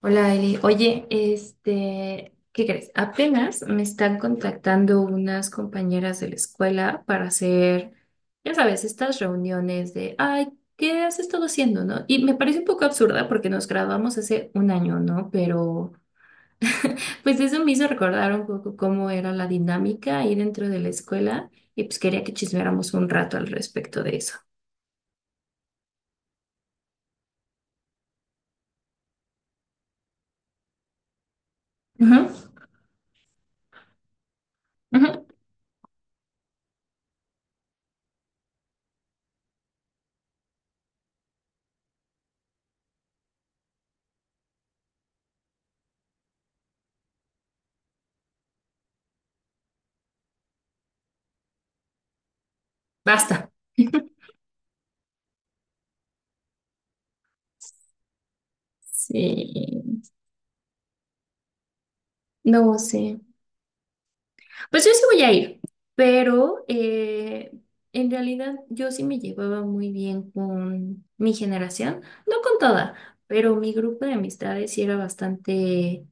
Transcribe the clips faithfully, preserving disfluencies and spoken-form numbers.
Hola, Eli. Oye, este, ¿qué crees? Apenas me están contactando unas compañeras de la escuela para hacer, ya sabes, estas reuniones de, ay, ¿qué has estado haciendo, no? Y me parece un poco absurda porque nos graduamos hace un año, ¿no? Pero, pues eso me hizo recordar un poco cómo era la dinámica ahí dentro de la escuela y pues quería que chismeáramos un rato al respecto de eso. Ujú, ujú. Basta. Sí, no sé. Pues yo sí voy a ir, pero eh, en realidad yo sí me llevaba muy bien con mi generación, no con toda, pero mi grupo de amistades sí era bastante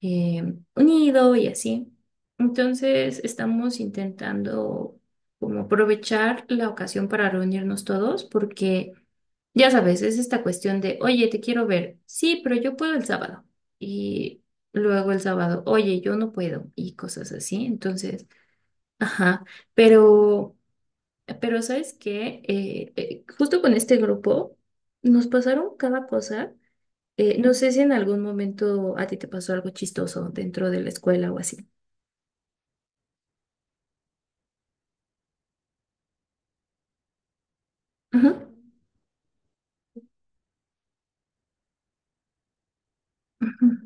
eh, unido y así. Entonces estamos intentando como aprovechar la ocasión para reunirnos todos porque... Ya sabes, es esta cuestión de, oye, te quiero ver. Sí, pero yo puedo el sábado. Y luego el sábado, oye, yo no puedo y cosas así. Entonces, ajá, pero, pero ¿sabes qué? Eh, eh, justo con este grupo nos pasaron cada cosa. Eh, no sé si en algún momento a ti te pasó algo chistoso dentro de la escuela o así. Ajá, ajá,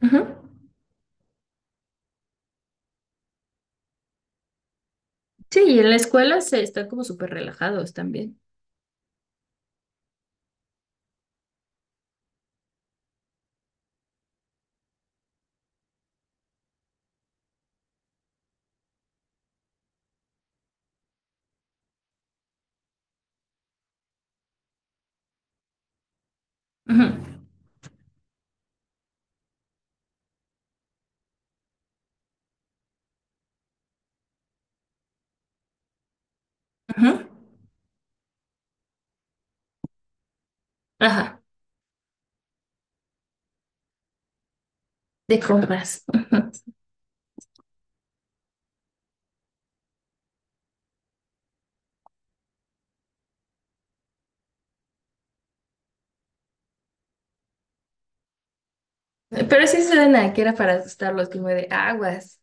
ajá. Sí, y en la escuela se están como súper relajados también. Ajá, ajá, ajá, de compras. Ajá. Pero sí suena que era para asustarlos, como de aguas.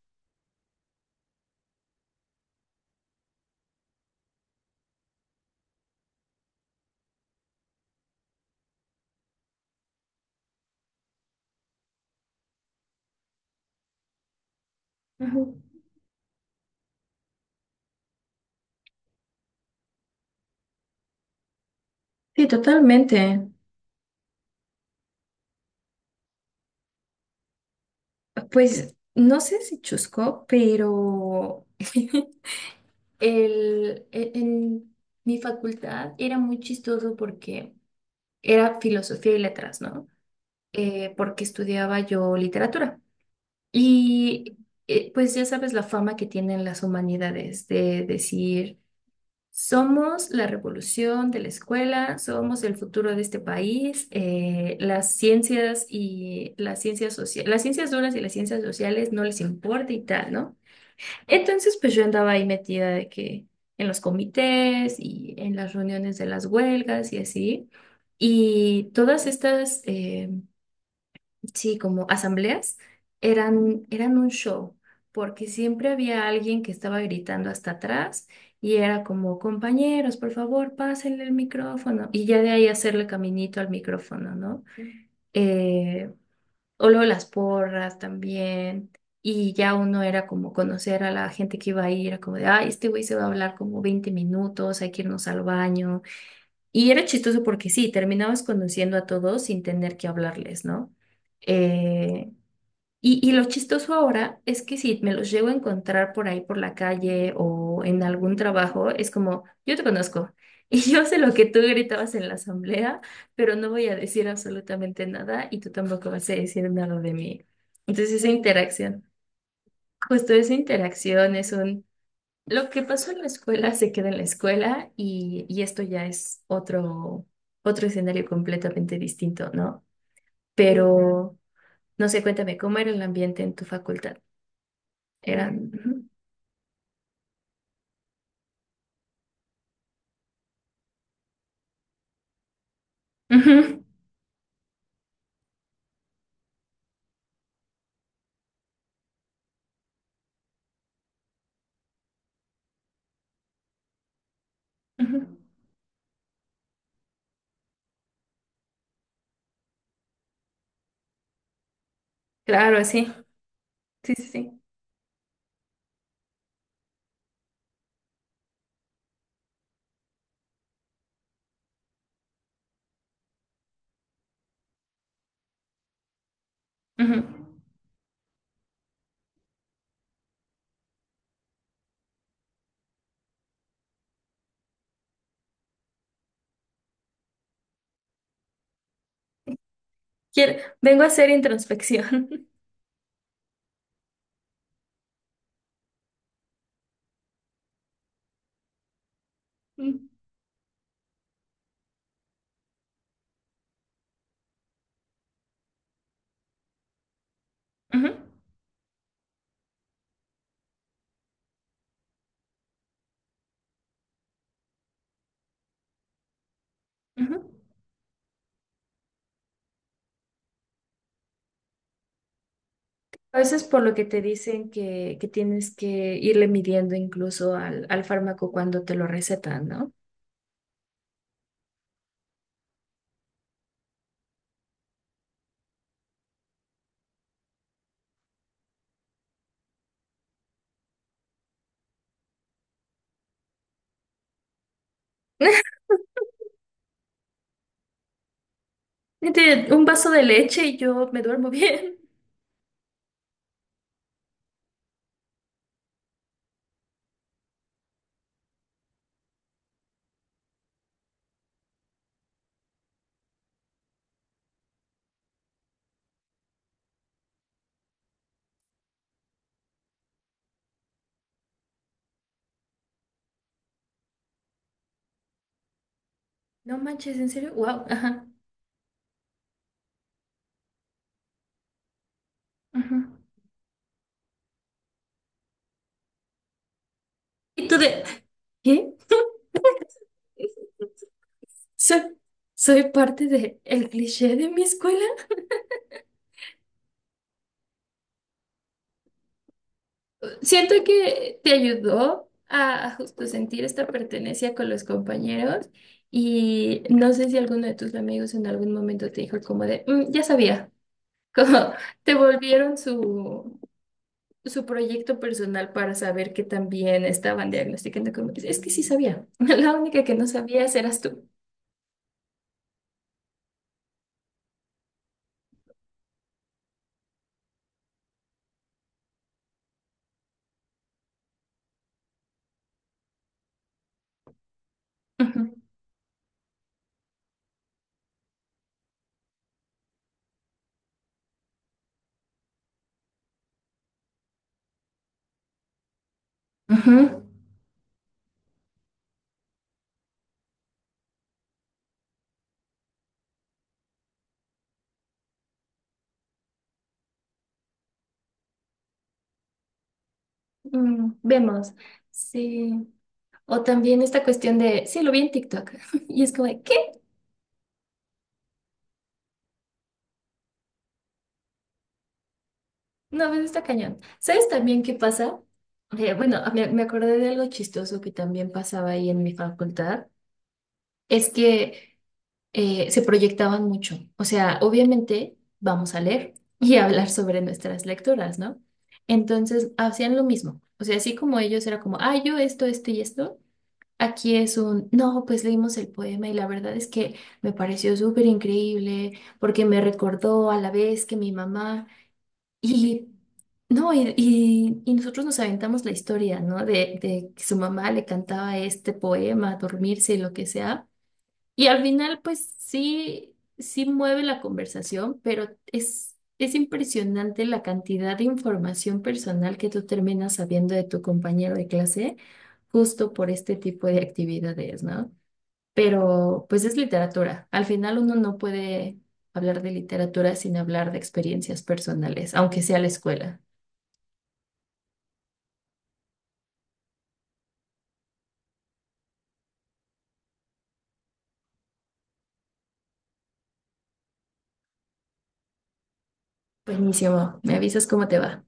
Ajá. Sí, totalmente. Pues no sé si chusco, pero el, e- en mi facultad era muy chistoso porque era filosofía y letras, ¿no? Eh, porque estudiaba yo literatura. Y eh, pues ya sabes la fama que tienen las humanidades de decir... Somos la revolución de la escuela, somos el futuro de este país. Eh, las ciencias y las ciencias sociales, las ciencias duras y las ciencias sociales no les importa y tal, ¿no? Entonces, pues yo andaba ahí metida de que en los comités y en las reuniones de las huelgas y así. Y todas estas eh, sí, como asambleas, eran, eran un show, porque siempre había alguien que estaba gritando hasta atrás y era como, compañeros, por favor, pásenle el micrófono. Y ya de ahí hacerle caminito al micrófono, ¿no? Eh, o luego las porras también. Y ya uno era como conocer a la gente que iba a ir, era como de, ay, este güey se va a hablar como veinte minutos, hay que irnos al baño. Y era chistoso porque sí, terminabas conociendo a todos sin tener que hablarles, ¿no? Eh, y, y lo chistoso ahora es que si me los llego a encontrar por ahí por la calle o en algún trabajo, es como, yo te conozco y yo sé lo que tú gritabas en la asamblea, pero no voy a decir absolutamente nada y tú tampoco vas a decir nada de mí. Entonces esa interacción, justo esa interacción es un, lo que pasó en la escuela se queda en la escuela y, y esto ya es otro, otro escenario completamente distinto, ¿no? Pero, no sé, cuéntame, ¿cómo era el ambiente en tu facultad? Eran. Ujú, ujú, ujú. Claro, sí. Sí, sí, sí. Ujú. Quiero- vengo a hacer introspección. Mm, ujú, ujú. A veces por lo que te dicen que, que tienes que irle midiendo incluso al, al fármaco cuando te lo recetan, ¿no? Gente, un vaso de leche y yo me duermo bien. No manches, ¿en serio? Wow, ajá. Ujú. Y tú de, ¿qué? Soy, soy parte de el cliché de mi escuela. Siento que te ayudó a, a justo sentir esta pertenencia con los compañeros y no sé si alguno de tus amigos en algún momento te dijo como de, "Mm, ya sabía", como te volvieron su, su proyecto personal para saber que también estaban diagnosticando como, es que sí sabía, la única que no sabías eras tú. Ujú. Ujú. Mm, vemos, sí. O también esta cuestión de, sí, lo vi en TikTok. Y es como, de, ¿qué? No, pues está cañón. ¿Sabes también qué pasa? Eh, bueno, me, me acordé de algo chistoso que también pasaba ahí en mi facultad. Es que eh, se proyectaban mucho. O sea, obviamente vamos a leer y a hablar sobre nuestras lecturas, ¿no? Entonces hacían lo mismo. O sea, así como ellos era como, ah, yo esto, esto y esto. Aquí es un, no, pues leímos el poema y la verdad es que me pareció súper increíble porque me recordó a la vez que mi mamá. Y no, y, y- y nosotros nos aventamos la historia, ¿no? De, de que su mamá le cantaba este poema, dormirse y lo que sea. Y al final, pues sí, sí mueve la conversación, pero es, es impresionante la cantidad de información personal que tú terminas sabiendo de tu compañero de clase justo por este tipo de actividades, ¿no? Pero pues es literatura. Al final uno no puede hablar de literatura sin hablar de experiencias personales, aunque sea la escuela. Buenísimo, me avisas cómo te va.